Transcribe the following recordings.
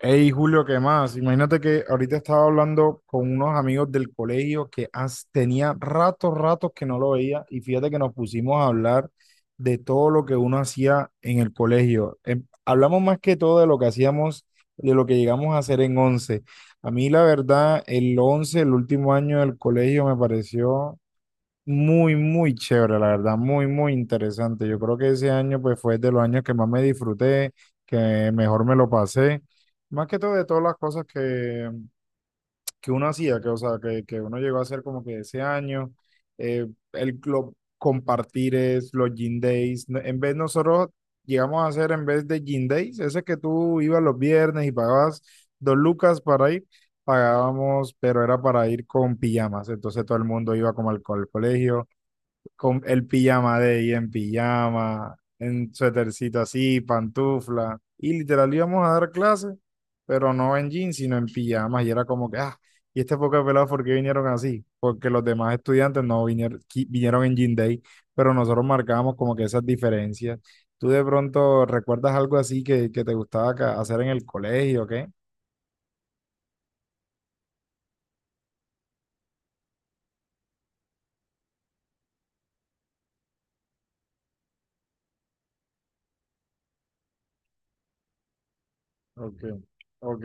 Hey Julio, ¿qué más? Imagínate que ahorita estaba hablando con unos amigos del colegio que tenía ratos que no lo veía y fíjate que nos pusimos a hablar de todo lo que uno hacía en el colegio. Hablamos más que todo de lo que hacíamos, de lo que llegamos a hacer en once. A mí la verdad, el once, el último año del colegio me pareció muy, muy chévere, la verdad, muy, muy interesante. Yo creo que ese año pues fue de los años que más me disfruté, que mejor me lo pasé. Más que todo de todas las cosas que uno hacía, que, o sea, que uno llegó a hacer como que ese año, eh, el club compartir es los gym days. No- En vez nosotros llegamos a hacer en vez de gym days, ese que tú ibas los viernes y pagabas dos lucas para ir, pagábamos, pero era para ir con pijamas. Entonces todo el mundo iba como al colegio, con el pijama de ella en pijama, en suétercito así, pantufla, y literal íbamos a dar clases pero no en jeans, sino en pijamas, y era como que, ah, y este poco de pelados, ¿por qué vinieron así? Porque los demás estudiantes no vinieron, vinieron en jean day, pero nosotros marcábamos como que esas diferencias. ¿Tú de pronto recuerdas algo así que te gustaba hacer en el colegio, qué? Ok, ok.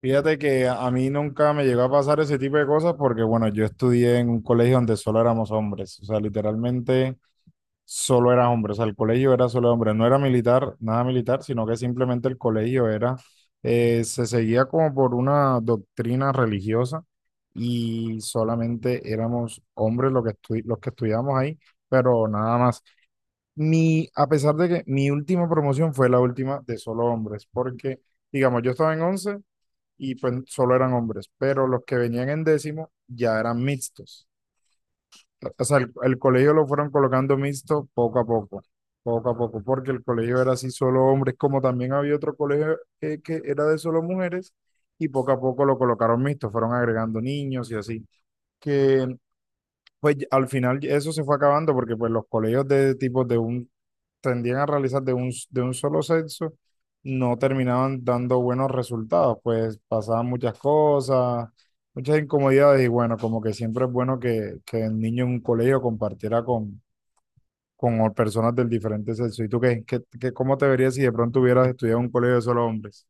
Fíjate que a mí nunca me llegó a pasar ese tipo de cosas porque, bueno, yo estudié en un colegio donde solo éramos hombres, o sea, literalmente solo era hombres, o sea, el colegio era solo de hombres, no era militar, nada militar, sino que simplemente el colegio era, se seguía como por una doctrina religiosa y solamente éramos hombres los que estudiábamos ahí, pero nada más. A pesar de que mi última promoción fue la última de solo hombres, porque, digamos, yo estaba en 11 y pues solo eran hombres, pero los que venían en décimo ya eran mixtos. O sea, el colegio lo fueron colocando mixto poco a poco, porque el colegio era así solo hombres, como también había otro colegio que era de solo mujeres, y poco a poco lo colocaron mixto, fueron agregando niños y así, que pues al final eso se fue acabando porque pues los colegios de tipos de un tendían a realizar de un solo sexo, no terminaban dando buenos resultados, pues pasaban muchas cosas, muchas incomodidades y bueno, como que siempre es bueno que el niño en un colegio compartiera con personas del diferente sexo. ¿Y tú cómo te verías si de pronto hubieras estudiado en un colegio de solo hombres?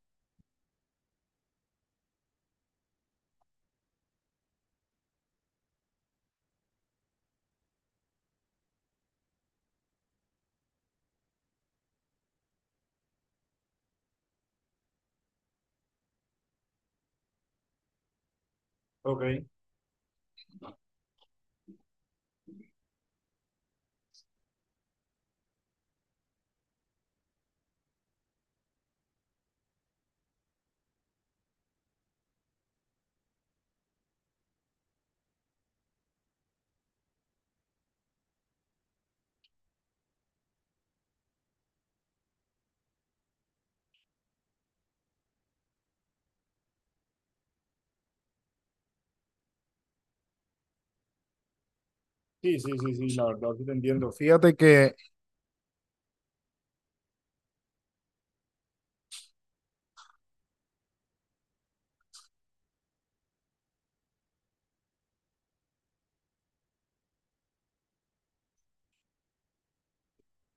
Ok, sí, sí, sí, sí, la verdad sí te entiendo. Fíjate que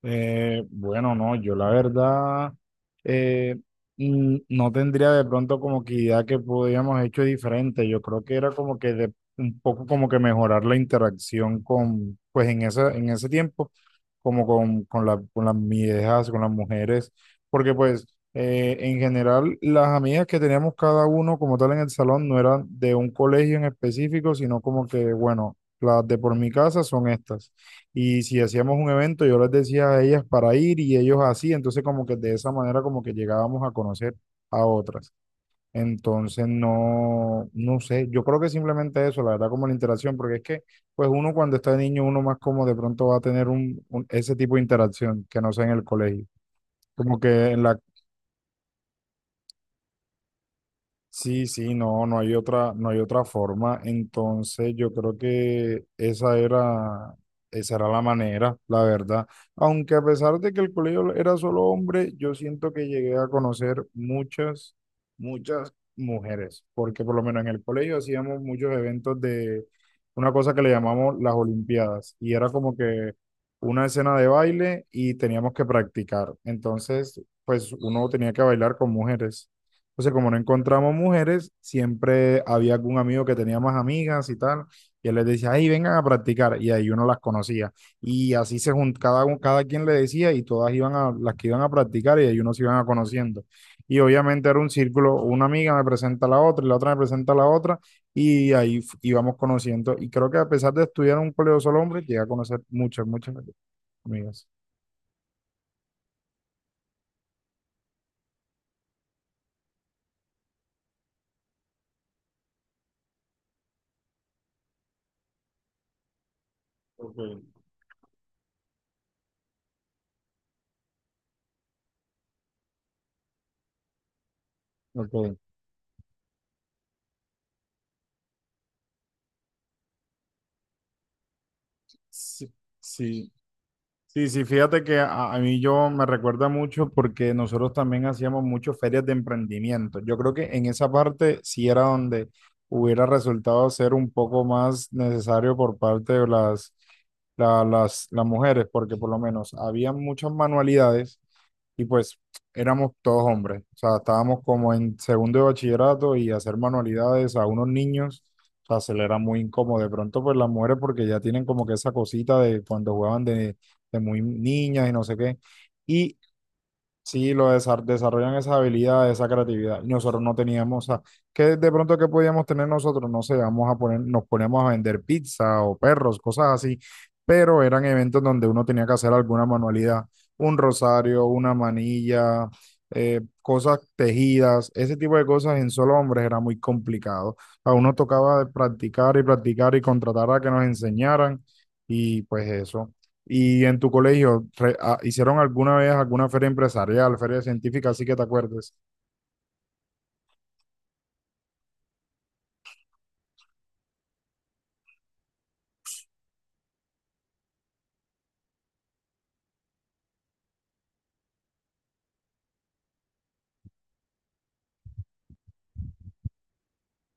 Bueno, no, yo la verdad eh, no tendría de pronto como que idea que podíamos hecho diferente. Yo creo que era como que de, un poco como que mejorar la interacción con, pues en ese tiempo, como con las viejas, con las mujeres, porque pues en general las amigas que teníamos cada uno como tal en el salón no eran de un colegio en específico, sino como que, bueno, las de por mi casa son estas. Y si hacíamos un evento, yo les decía a ellas para ir y ellos así, entonces como que de esa manera como que llegábamos a conocer a otras. Entonces no, no sé, yo creo que simplemente eso, la verdad, como la interacción, porque es que pues uno cuando está niño, uno más como de pronto va a tener ese tipo de interacción que no sea en el colegio. Como que en la Sí, sí, no, no hay otra forma. Entonces, yo creo que esa era la manera, la verdad. Aunque a pesar de que el colegio era solo hombre, yo siento que llegué a conocer muchas, muchas mujeres, porque por lo menos en el colegio hacíamos muchos eventos de una cosa que le llamamos las Olimpiadas, y era como que una escena de baile y teníamos que practicar. Entonces, pues uno tenía que bailar con mujeres. Entonces, como no encontramos mujeres, siempre había algún amigo que tenía más amigas y tal, y él les decía, ay, vengan a practicar, y ahí uno las conocía. Y así se juntaba, cada quien le decía, y todas iban a, las que iban a practicar, y ahí uno se iban a conociendo. Y obviamente era un círculo, una amiga me presenta a la otra, y la otra me presenta a la otra, y ahí íbamos conociendo. Y creo que a pesar de estudiar en un colegio solo hombre, llegué a conocer muchas, muchas amigas. Ok. Ok. Sí, sí, sí, sí, fíjate que a mí yo me recuerda mucho porque nosotros también hacíamos muchas ferias de emprendimiento. Yo creo que en esa parte sí era donde hubiera resultado ser un poco más necesario por parte de las mujeres, porque por lo menos había muchas manualidades y pues éramos todos hombres, o sea, estábamos como en segundo de bachillerato y hacer manualidades a unos niños, o sea, se le era muy incómodo. De pronto, pues las mujeres, porque ya tienen como que esa cosita de cuando jugaban de muy niñas y no sé qué. Y Sí, lo desarrollan esa habilidad, esa creatividad. Y nosotros no teníamos, o sea, ¿qué de pronto qué podíamos tener nosotros? No sé, vamos a poner, nos ponemos a vender pizza o perros, cosas así, pero eran eventos donde uno tenía que hacer alguna manualidad, un rosario, una manilla, cosas tejidas, ese tipo de cosas en solo hombres era muy complicado. A uno tocaba de practicar y practicar y contratar a que nos enseñaran y pues eso. Y en tu colegio, ¿hicieron alguna vez alguna feria empresarial, feria científica, así que te acuerdes?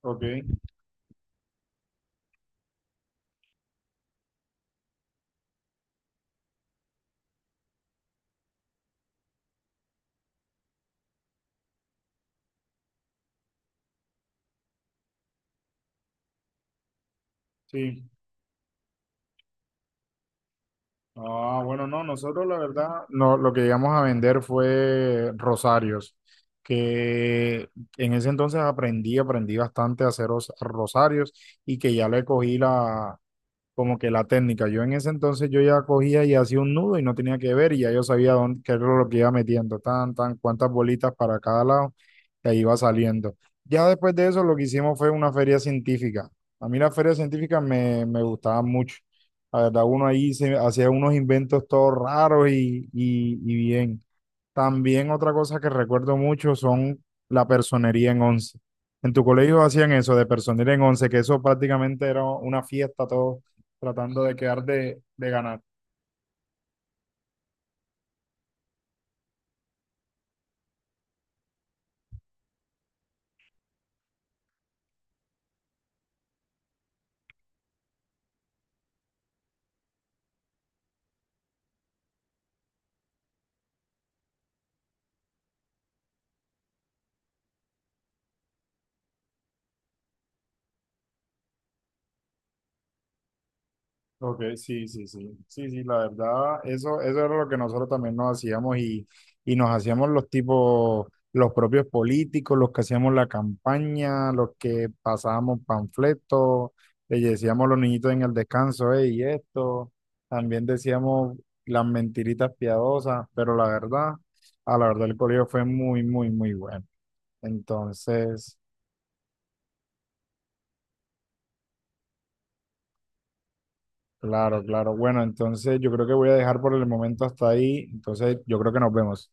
Ok, sí. Ah, bueno, no, nosotros la verdad, no, lo que llegamos a vender fue rosarios, que en ese entonces aprendí bastante a hacer rosarios y que ya le cogí como que la técnica. Yo en ese entonces yo ya cogía y hacía un nudo y no tenía que ver y ya yo sabía dónde, qué era lo que iba metiendo, tan, tan, cuántas bolitas para cada lado y ahí iba saliendo. Ya después de eso lo que hicimos fue una feria científica. A mí las ferias científicas me gustaban mucho. La verdad, uno ahí se hacía unos inventos todos raros y bien. También otra cosa que recuerdo mucho son la personería en once. En tu colegio hacían eso de personería en once, que eso prácticamente era una fiesta, todos tratando de quedar de ganar. Ok, sí, sí, sí, sí, sí, la verdad, eso era lo que nosotros también nos hacíamos y nos hacíamos los tipos, los propios políticos, los que hacíamos la campaña, los que pasábamos panfletos, le decíamos a los niñitos en el descanso, y esto, también decíamos las mentiritas piadosas, pero la verdad el colegio fue muy, muy, muy bueno. Entonces. Claro, claro. Bueno, entonces yo creo que voy a dejar por el momento hasta ahí. Entonces yo creo que nos vemos.